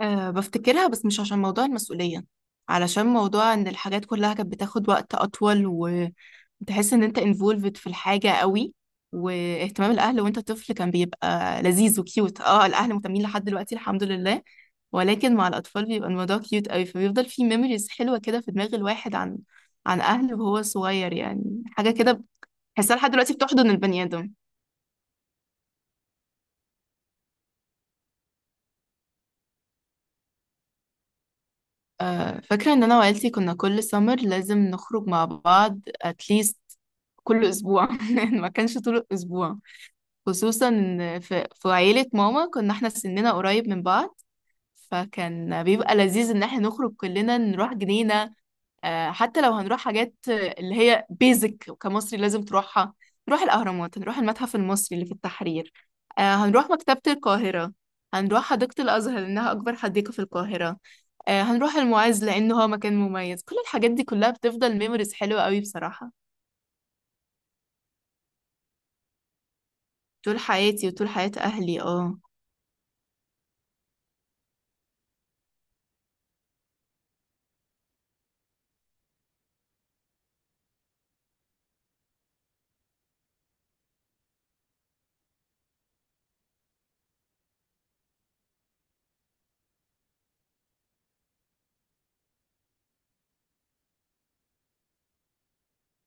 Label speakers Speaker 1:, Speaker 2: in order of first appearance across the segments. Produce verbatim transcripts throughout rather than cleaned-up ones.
Speaker 1: أه بفتكرها، بس مش عشان موضوع المسؤولية، علشان موضوع ان الحاجات كلها كانت بتاخد وقت اطول، وتحس ان انت involved في الحاجة قوي. واهتمام الاهل وانت طفل كان بيبقى لذيذ وكيوت. اه، الاهل مهتمين لحد دلوقتي الحمد لله، ولكن مع الاطفال بيبقى الموضوع كيوت قوي، فبيفضل في ميموريز حلوة كده في دماغ الواحد عن عن اهله وهو صغير، يعني حاجة كده. بحسها لحد دلوقتي بتحضن البني آدم. آه، فاكرة ان انا وعيلتي كنا كل سمر لازم نخرج مع بعض اتليست كل اسبوع ما كانش طول الاسبوع، خصوصا ان في في عيلة ماما كنا احنا سننا قريب من بعض، فكان بيبقى لذيذ ان احنا نخرج كلنا نروح جنينة. آه، حتى لو هنروح حاجات، آه، اللي هي بيزك كمصري لازم تروحها، نروح الأهرامات، هنروح المتحف المصري اللي في التحرير، آه، هنروح مكتبة القاهرة. هنروح حديقة الأزهر لأنها أكبر حديقة في القاهرة. آه، هنروح المعز لأنه هو مكان مميز. كل الحاجات دي كلها بتفضل ميموريز حلوة قوي بصراحة. طول حياتي وطول حياة أهلي اه.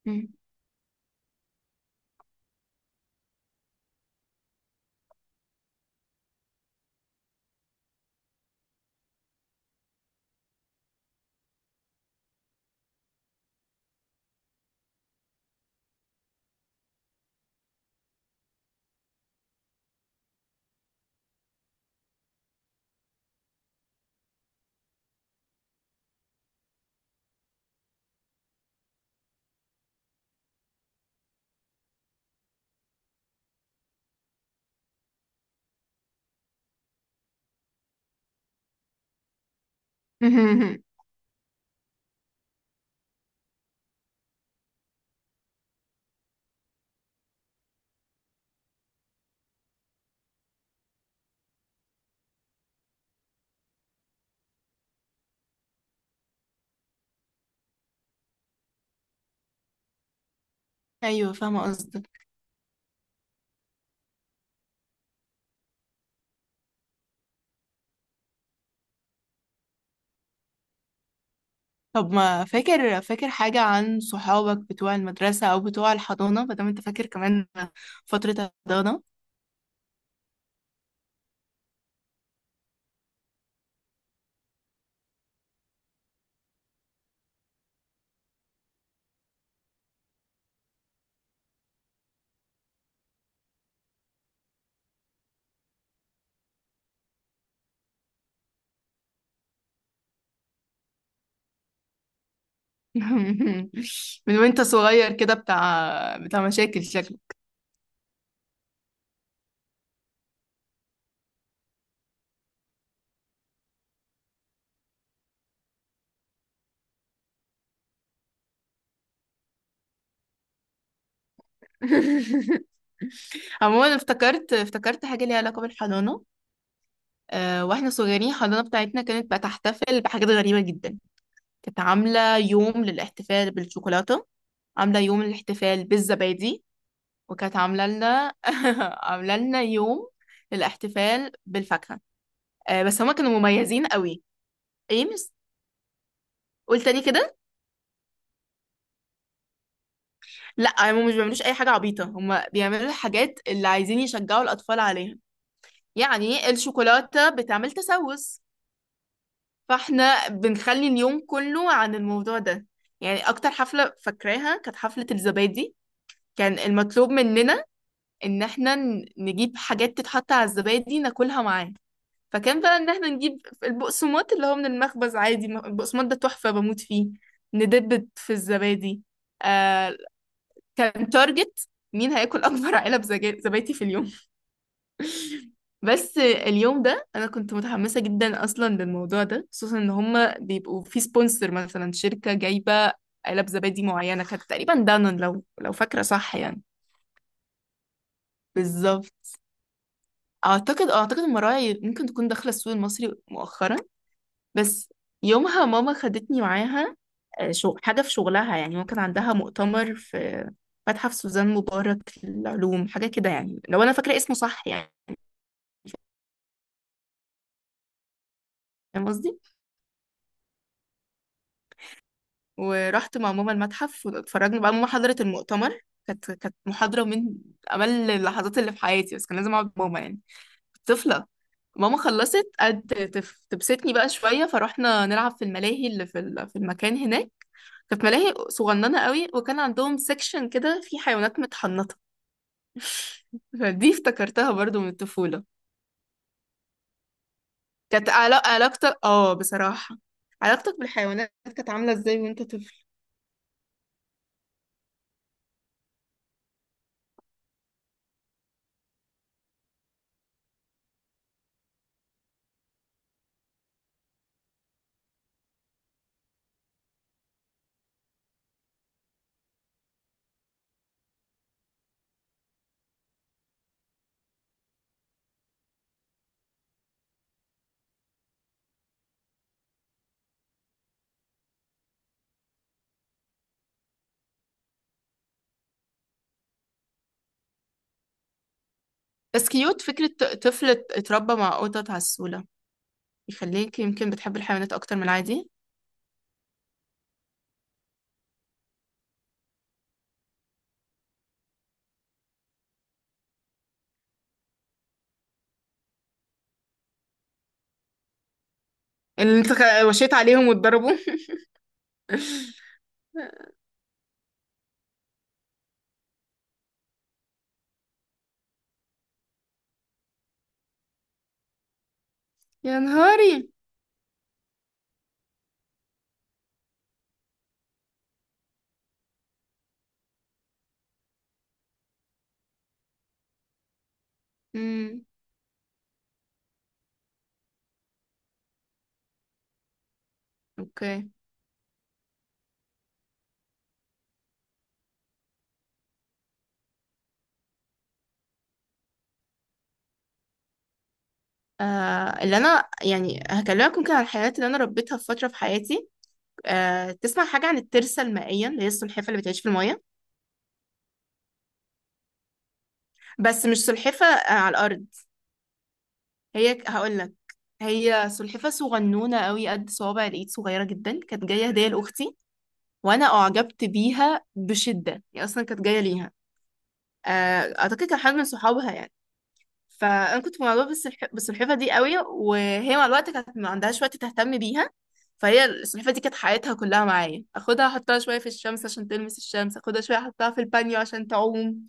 Speaker 1: مم. أيوة، فاهمة قصدك. طب ما فاكر فاكر حاجة عن صحابك بتوع المدرسة أو بتوع الحضانة، مادام أنت فاكر كمان فترة الحضانة؟ من وانت صغير كده بتاع بتاع مشاكل شكلك. عموما افتكرت افتكرت حاجة ليها علاقة بالحضانة. أه، واحنا صغيرين الحضانة بتاعتنا كانت بتحتفل بحاجات غريبة جدا. كانت عاملة يوم للاحتفال بالشوكولاتة، عاملة يوم للاحتفال بالزبادي، وكانت عاملة لنا عاملة لنا يوم للاحتفال بالفاكهة. أه، بس هما كانوا مميزين قوي. ايه مس، قول تاني كده. لا، هم مش بيعملوش اي حاجه عبيطه، هم بيعملوا الحاجات اللي عايزين يشجعوا الاطفال عليها. يعني الشوكولاته بتعمل تسوس، فاحنا بنخلي اليوم كله عن الموضوع ده. يعني اكتر حفله فاكراها كانت حفله الزبادي. كان المطلوب مننا ان احنا ن- نجيب حاجات تتحط على الزبادي ناكلها معاه. فكان بقى ان احنا نجيب البقسماط اللي هو من المخبز عادي، البقسماط ده تحفه بموت فيه، ندبت في الزبادي. آه، كان تارجت مين هياكل اكبر علب زجا- زبادي في اليوم. بس اليوم ده انا كنت متحمسه جدا اصلا للموضوع ده، خصوصا ان هما بيبقوا في سبونسر، مثلا شركه جايبه علب زبادي معينه، كانت تقريبا دانون، لو لو فاكره صح يعني. بالظبط. اعتقد اعتقد المراعي ممكن تكون داخله السوق المصري مؤخرا. بس يومها ماما خدتني معاها. آه، شو حاجه في شغلها، يعني ممكن عندها مؤتمر في متحف سوزان مبارك للعلوم حاجه كده يعني، لو انا فاكره اسمه صح يعني. فاهم قصدي؟ ورحت مع ماما المتحف واتفرجنا بقى، ماما حضرت المؤتمر. كانت كانت محاضرة من أمل اللحظات اللي في حياتي، بس كان لازم أقعد مع ماما، يعني كنت طفلة. ماما خلصت، قعدت تف- تبسطني بقى شوية، فروحنا نلعب في الملاهي اللي في ال- في المكان هناك. كانت ملاهي صغننة قوي، وكان عندهم سيكشن كده فيه حيوانات متحنطة. فدي افتكرتها برضو من الطفولة. كانت علا- علاقتك، اه، بصراحة، علاقتك بالحيوانات كانت عاملة ازاي وانت طفل؟ بس كيوت فكرة ط- طفل اتربى مع قطط عسولة، يخليك يمكن بتحب الحيوانات أكتر من العادي. اللي انت خ- وشيت عليهم واتضربوا. يا نهاري. امم. اوكي. آه، اللي انا يعني هكلمك ممكن عن الحيوانات اللي انا ربيتها في فتره في حياتي. آه، تسمع حاجه عن الترسه المائيه اللي هي السلحفه اللي بتعيش في الميه؟ بس مش سلحفه آه على الارض. هي هقول لك. هي سلحفه صغنونه قوي قد صوابع الايد صغيره جدا، كانت جايه هديه لاختي. وانا اعجبت بيها بشده، هي اصلا كانت جايه ليها، آه، اعتقد كان حد من صحابها يعني. فانا كنت معجبه بالسلح- بالسلحفه دي قوي، وهي مع الوقت كانت ما عندهاش وقت تهتم بيها. فهي السلحفه دي كانت حياتها كلها معايا، اخدها احطها شويه في الشمس عشان تلمس الشمس، اخدها شويه احطها في البانيو عشان تعوم.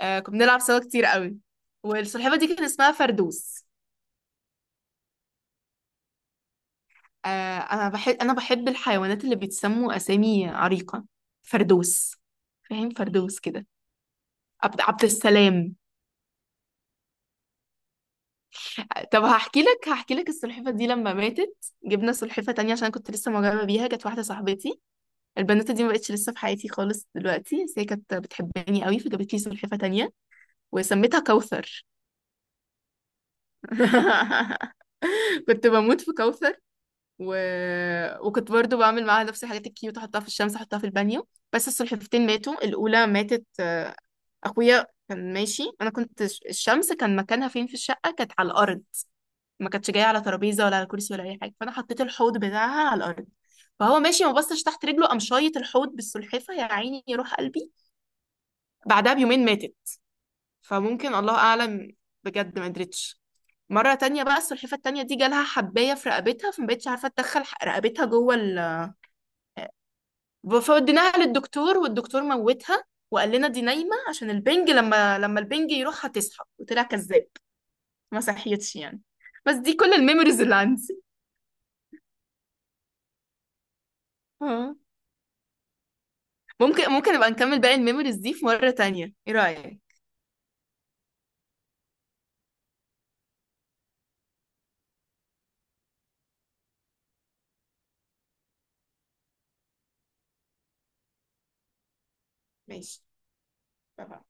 Speaker 1: آه، كنا بنلعب سوا كتير قوي. والسلحفه دي كان اسمها فردوس. آه، انا بحب انا بحب الحيوانات اللي بيتسموا اسامي عريقه. فردوس، فاهم فردوس كده؟ عبد عبد السلام. طب هحكي لك هحكي لك السلحفة دي لما ماتت. جبنا سلحفة تانية عشان كنت لسه معجبة بيها، كانت واحدة صاحبتي، البنوتة دي ما بقتش لسه في حياتي خالص دلوقتي، بس هي كانت بتحبني قوي فجابت لي سلحفة تانية وسميتها كوثر. كنت بموت في كوثر. و... وكنت برضو بعمل معاها نفس الحاجات الكيوت، احطها في الشمس احطها في البانيو. بس السلحفتين ماتوا. الاولى ماتت، آه، اخويا كان ماشي، انا كنت، الشمس كان مكانها فين في الشقة، كانت على الارض، ما كانتش جايه على ترابيزه ولا على كرسي ولا اي حاجه، فانا حطيت الحوض بتاعها على الارض. فهو ماشي، ما بصش تحت رجله، قام شايط الحوض بالسلحفه، يا عيني، يروح قلبي. بعدها بيومين ماتت. فممكن، الله اعلم. بجد ما قدرتش. مره تانية بقى السلحفه التانية دي جالها حبايه في رقبتها، فما بقتش عارفه تدخل ح- رقبتها جوه ال فوديناها للدكتور والدكتور موتها. وقال لنا دي نايمه عشان البنج، لما لما البنج يروح هتصحى، وطلع كذاب، ما صحيتش يعني. بس دي كل الميموريز اللي عندي. ممكن ممكن نبقى نكمل باقي الميموريز دي في مرة تانية، ايه رأيك؟ ماشي، اتفقنا.